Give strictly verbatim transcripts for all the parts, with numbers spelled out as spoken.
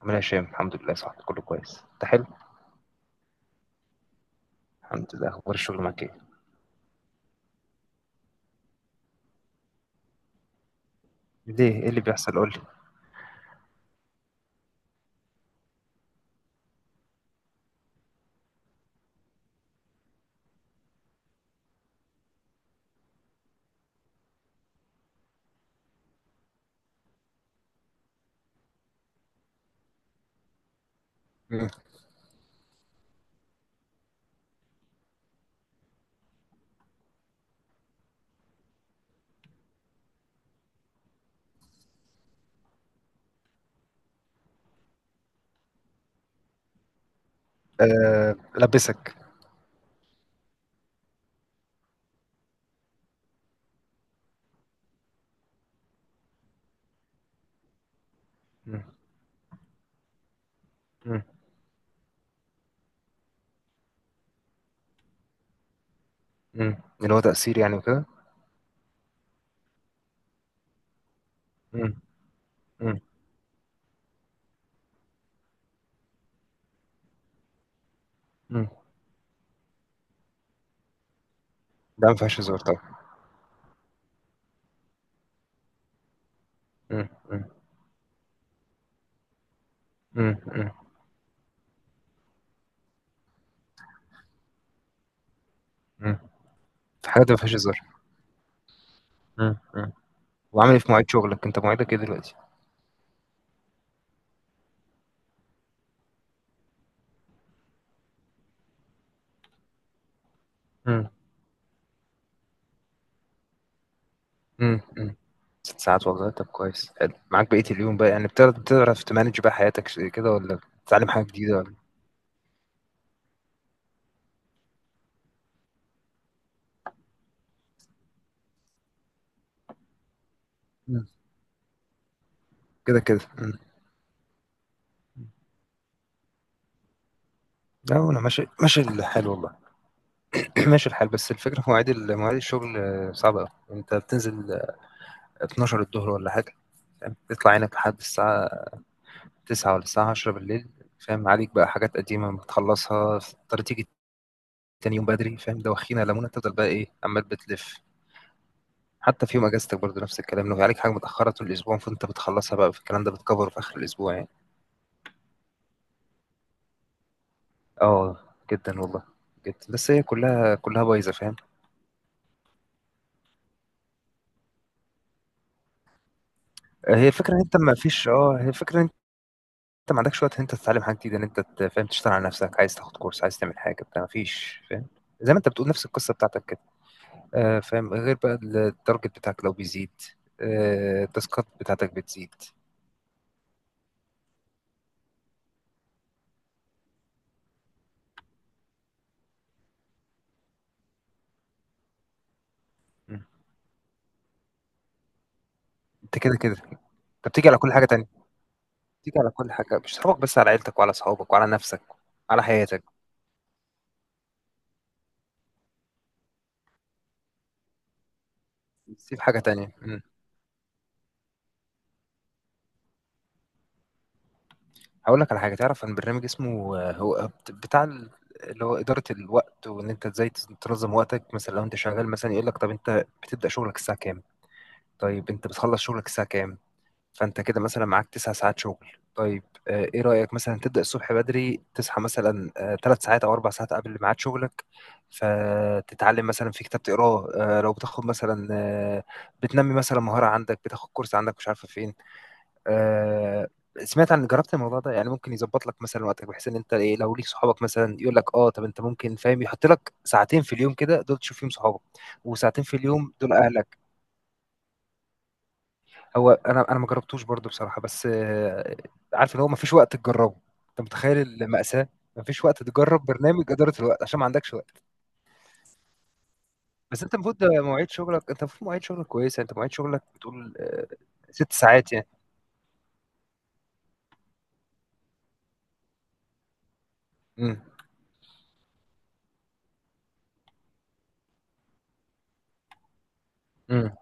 عامل ايه يا هشام؟ الحمد لله، صح؟ كله كويس؟ انت حلو؟ الحمد لله. اخبار الشغل معاك ايه؟ ليه؟ ايه اللي بيحصل؟ قول لي. مم. أه، لبسك. مم. مم. مم. اللي هو تأثير يعني وكده. مم. مم. مم. ده ما فيهاش هزار طبعا. مم. مم. مم. مم. مم. في حاجات ما فيهاش هزار. مم. مم. وعامل ايه في مواعيد شغلك؟ انت مواعيدك ايه دلوقتي؟ مم. مم. مم. ست ساعات؟ والله طب كويس. حلو، معاك بقية اليوم بقى، يعني بتعرف بتعرف تمانج بقى حياتك ش- كده، ولا بتتعلم حاجة جديدة ولا؟ مم. كده كده. مم. لا، انا ماشي، ماشي الحال والله. ماشي الحال، بس الفكره في مواعيد ال- مواعيد الشغل آه، صعبه قوي. انت بتنزل آه، اتناشر الظهر ولا حاجه، فاهم، تطلع عينك لحد الساعه تسعة ولا الساعه عشرة بالليل، فاهم عليك بقى حاجات قديمه بتخلصها، تضطر تيجي تاني يوم بدري، فاهم؟ دوخينا لمونه، تفضل بقى ايه، عمال بتلف. حتى في يوم اجازتك برضه نفس الكلام، لو عليك حاجه متاخره طول الاسبوع فانت بتخلصها بقى في الكلام ده، بتكفره في اخر الاسبوع يعني. اه، جدا والله، جدا، بس هي كلها كلها بايظه، فاهم. هي الفكرة ان انت ما فيش اه هي الفكرة انت ما عندكش وقت ان انت تتعلم حاجه جديده، ان انت ت- فاهم، تشتغل على نفسك، عايز تاخد كورس، عايز تعمل حاجه بتاع، ما فيش، فاهم. زي ما انت بتقول، نفس القصه بتاعتك كده. آه فاهم، غير بقى ال- التارجت بتاعك لو بيزيد، آه، التاسكات بتاعتك بتزيد. م. انت كده كده، انت بتيجي على كل حاجه تانية، بتيجي على كل حاجه، مش هتفرج بس على عيلتك وعلى اصحابك وعلى نفسك، على حياتك، تسيب حاجه تانية. م. هقول لك على حاجه، تعرف عن برنامج اسمه، آه، هو بت- بتاع ال- اللي هو إدارة الوقت، وإن أنت إزاي تنظم وقتك مثلا. لو أنت شغال مثلا يقول لك: طب أنت بتبدأ شغلك الساعة كام؟ طيب انت بتخلص شغلك الساعة كام؟ فانت كده مثلا معاك تسع ساعات شغل، طيب. آه، ايه رأيك مثلا تبدأ الصبح بدري، تصحى مثلا ثلاث ساعات او اربع ساعات قبل ميعاد شغلك، فتتعلم مثلا في كتاب تقراه، آه، لو بتاخد مثلا، آه، بتنمي مثلا مهارة عندك، بتاخد كورس عندك مش عارفة فين، آه، سمعت عن جربت الموضوع ده يعني، ممكن يظبط لك مثلا وقتك، بحيث ان انت ايه، لو ليك صحابك مثلا يقول لك: اه طب انت ممكن، فاهم، يحط لك ساعتين في اليوم كده دول تشوف فيهم صحابك، وساعتين في اليوم دول اهلك. هو انا انا ما جربتوش برضو بصراحه، بس آه، عارف، اللي هو ما فيش وقت تجربه. انت متخيل المأساة؟ ما فيش وقت تجرب برنامج اداره الوقت عشان ما عندكش وقت. بس انت المفروض ده، مواعيد شغلك، انت المفروض مواعيد شغلك كويسه، انت مواعيد شغلك بتقول آه، ست ساعات يعني. امم. امم.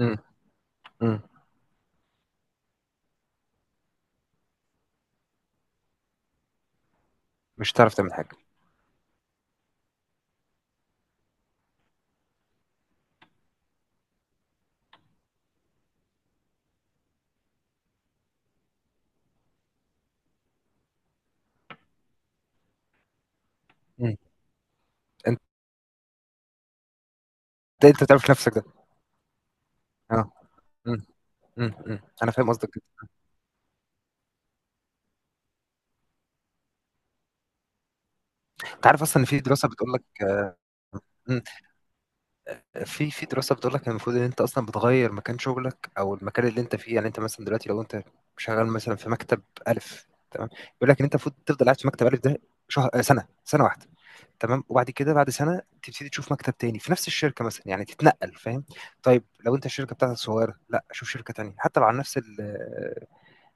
امم. امم. مش هتعرف تعمل حاجه. امم. انت انت بتعرف نفسك ده؟ اه. امم. امم. امم. انا فاهم قصدك. انت عارف اصلا ان في دراسه بتقول لك في في دراسة بتقول لك إن المفروض ان انت اصلا بتغير مكان شغلك او المكان اللي انت فيه، يعني انت مثلا دلوقتي لو انت شغال مثلا في مكتب الف، تمام، بيقول لك ان انت المفروض تفضل قاعد في مكتب الف ده شهر، آه، سنة، سنة واحدة، تمام. وبعد كده، بعد سنة تبتدي تشوف مكتب تاني في نفس الشركة مثلا، يعني تتنقل، فاهم. طيب لو انت الشركة بتاعتك صغيرة، لا، شوف شركة تانية حتى لو على نفس ال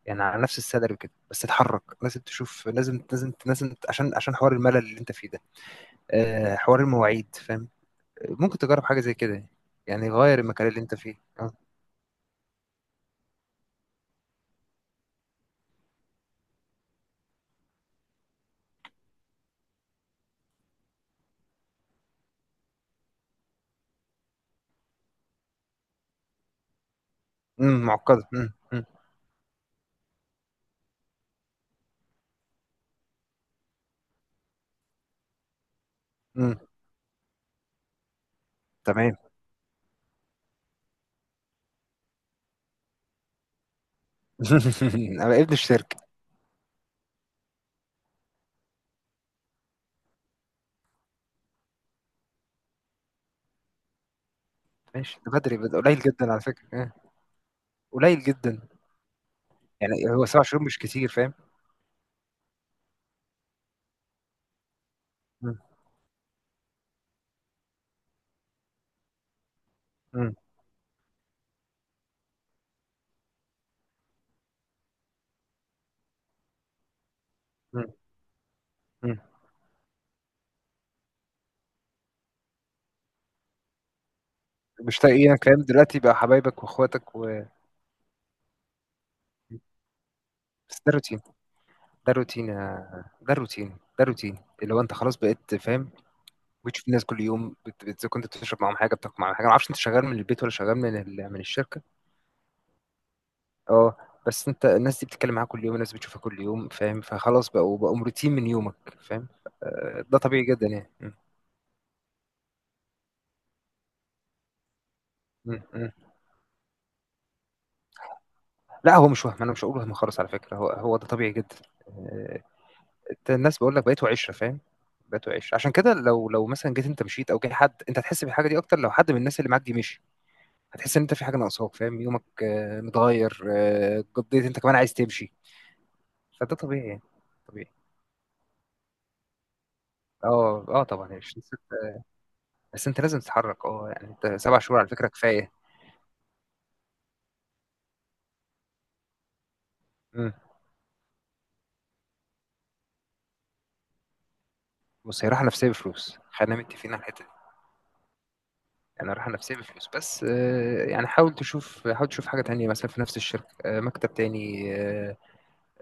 يعني على نفس السالري وكده، بس تتحرك، لازم تشوف، لازم لازم لازم، عشان عشان حوار الملل اللي انت فيه ده، آه، حوار المواعيد، فاهم. ممكن تجرب حاجة زي كده يعني. يعني غير المكان اللي انت فيه، اه. امم. معقدة. امم. امم. امم. تمام. انا ابن الشركة. ماشي، ده بدري بدري، قليل جدا على فكرة، اه. قليل جدا، يعني هو سبع شهور مش كتير، فاهم. امم. امم. امم. امم. مش تلاقي الكلام دلوقتي بقى حبايبك واخواتك و بس، ده روتين، ده روتين يا- ده روتين ده روتين اللي هو انت خلاص بقيت، فاهم. بتشوف الناس كل يوم، بت... بت... كنت بتشرب معاهم حاجه، بتاكل معاهم حاجه، ما اعرفش انت شغال من البيت ولا شغال من ال... من الشركه. اه، بس انت الناس دي بتتكلم معاك كل يوم، الناس بتشوفها كل يوم، فاهم، فخلاص بقوا بقوا روتين من يومك، فاهم. آه، ده طبيعي جدا يعني. م- م- م. لا، هو مش وهم، انا مش هقول وهم خالص على فكره، هو هو ده طبيعي جدا. آه، انت الناس بقول لك بقيتوا عشره، فاهم. بقيتوا عشره عشان كده لو لو مثلا جيت انت مشيت او جه حد، انت هتحس بالحاجه دي اكتر لو حد من الناس اللي معاك دي مشي، هتحس ان انت في حاجه ناقصاك، فاهم، يومك آه، متغير، آه، قضيت، انت كمان عايز تمشي، فده طبيعي يعني، طبيعي. اه، اه طبعا، بس انت لازم تتحرك، اه يعني انت سبع شهور على فكره كفايه. مم. بص، هي راحه نفسيه بفلوس، خلينا متفقين على الحته دي، يعني راحه نفسيه بفلوس، بس آه، يعني حاول تشوف حاول تشوف حاجه تانية، مثلا في نفس الشركه، آه، مكتب تاني، آه،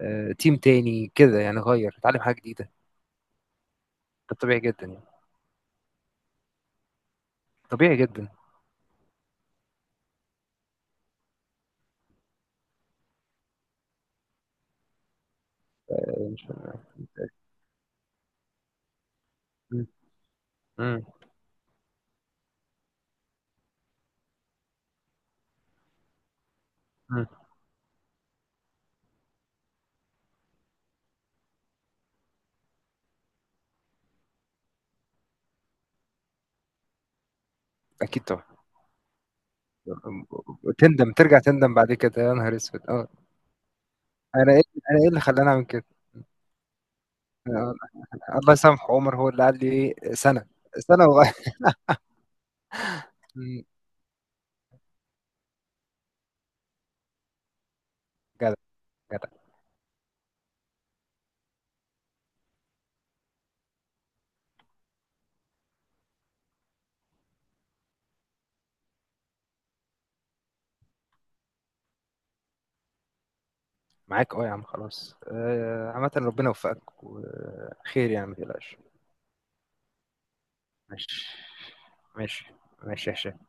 آه، تيم تاني كده، يعني غير اتعلم حاجه جديده، ده طبيعي جدا يعني، طبيعي جدا. مم. مم. مم. اكيد طبعا، تندم، ترجع تندم بعد كده، يا نهار اسود، اه. انا ايه انا ايه اللي خلاني اعمل كده؟ آه، الله يسامحه عمر، هو اللي قال لي ايه: سنه، سنه وغير. جدع، جدع. معاك، اه يا عم، خلاص. آه، عامة ربنا يوفقك وخير، يعني ما تقلقش. ماشي، ماشي، ماشي يا هشام.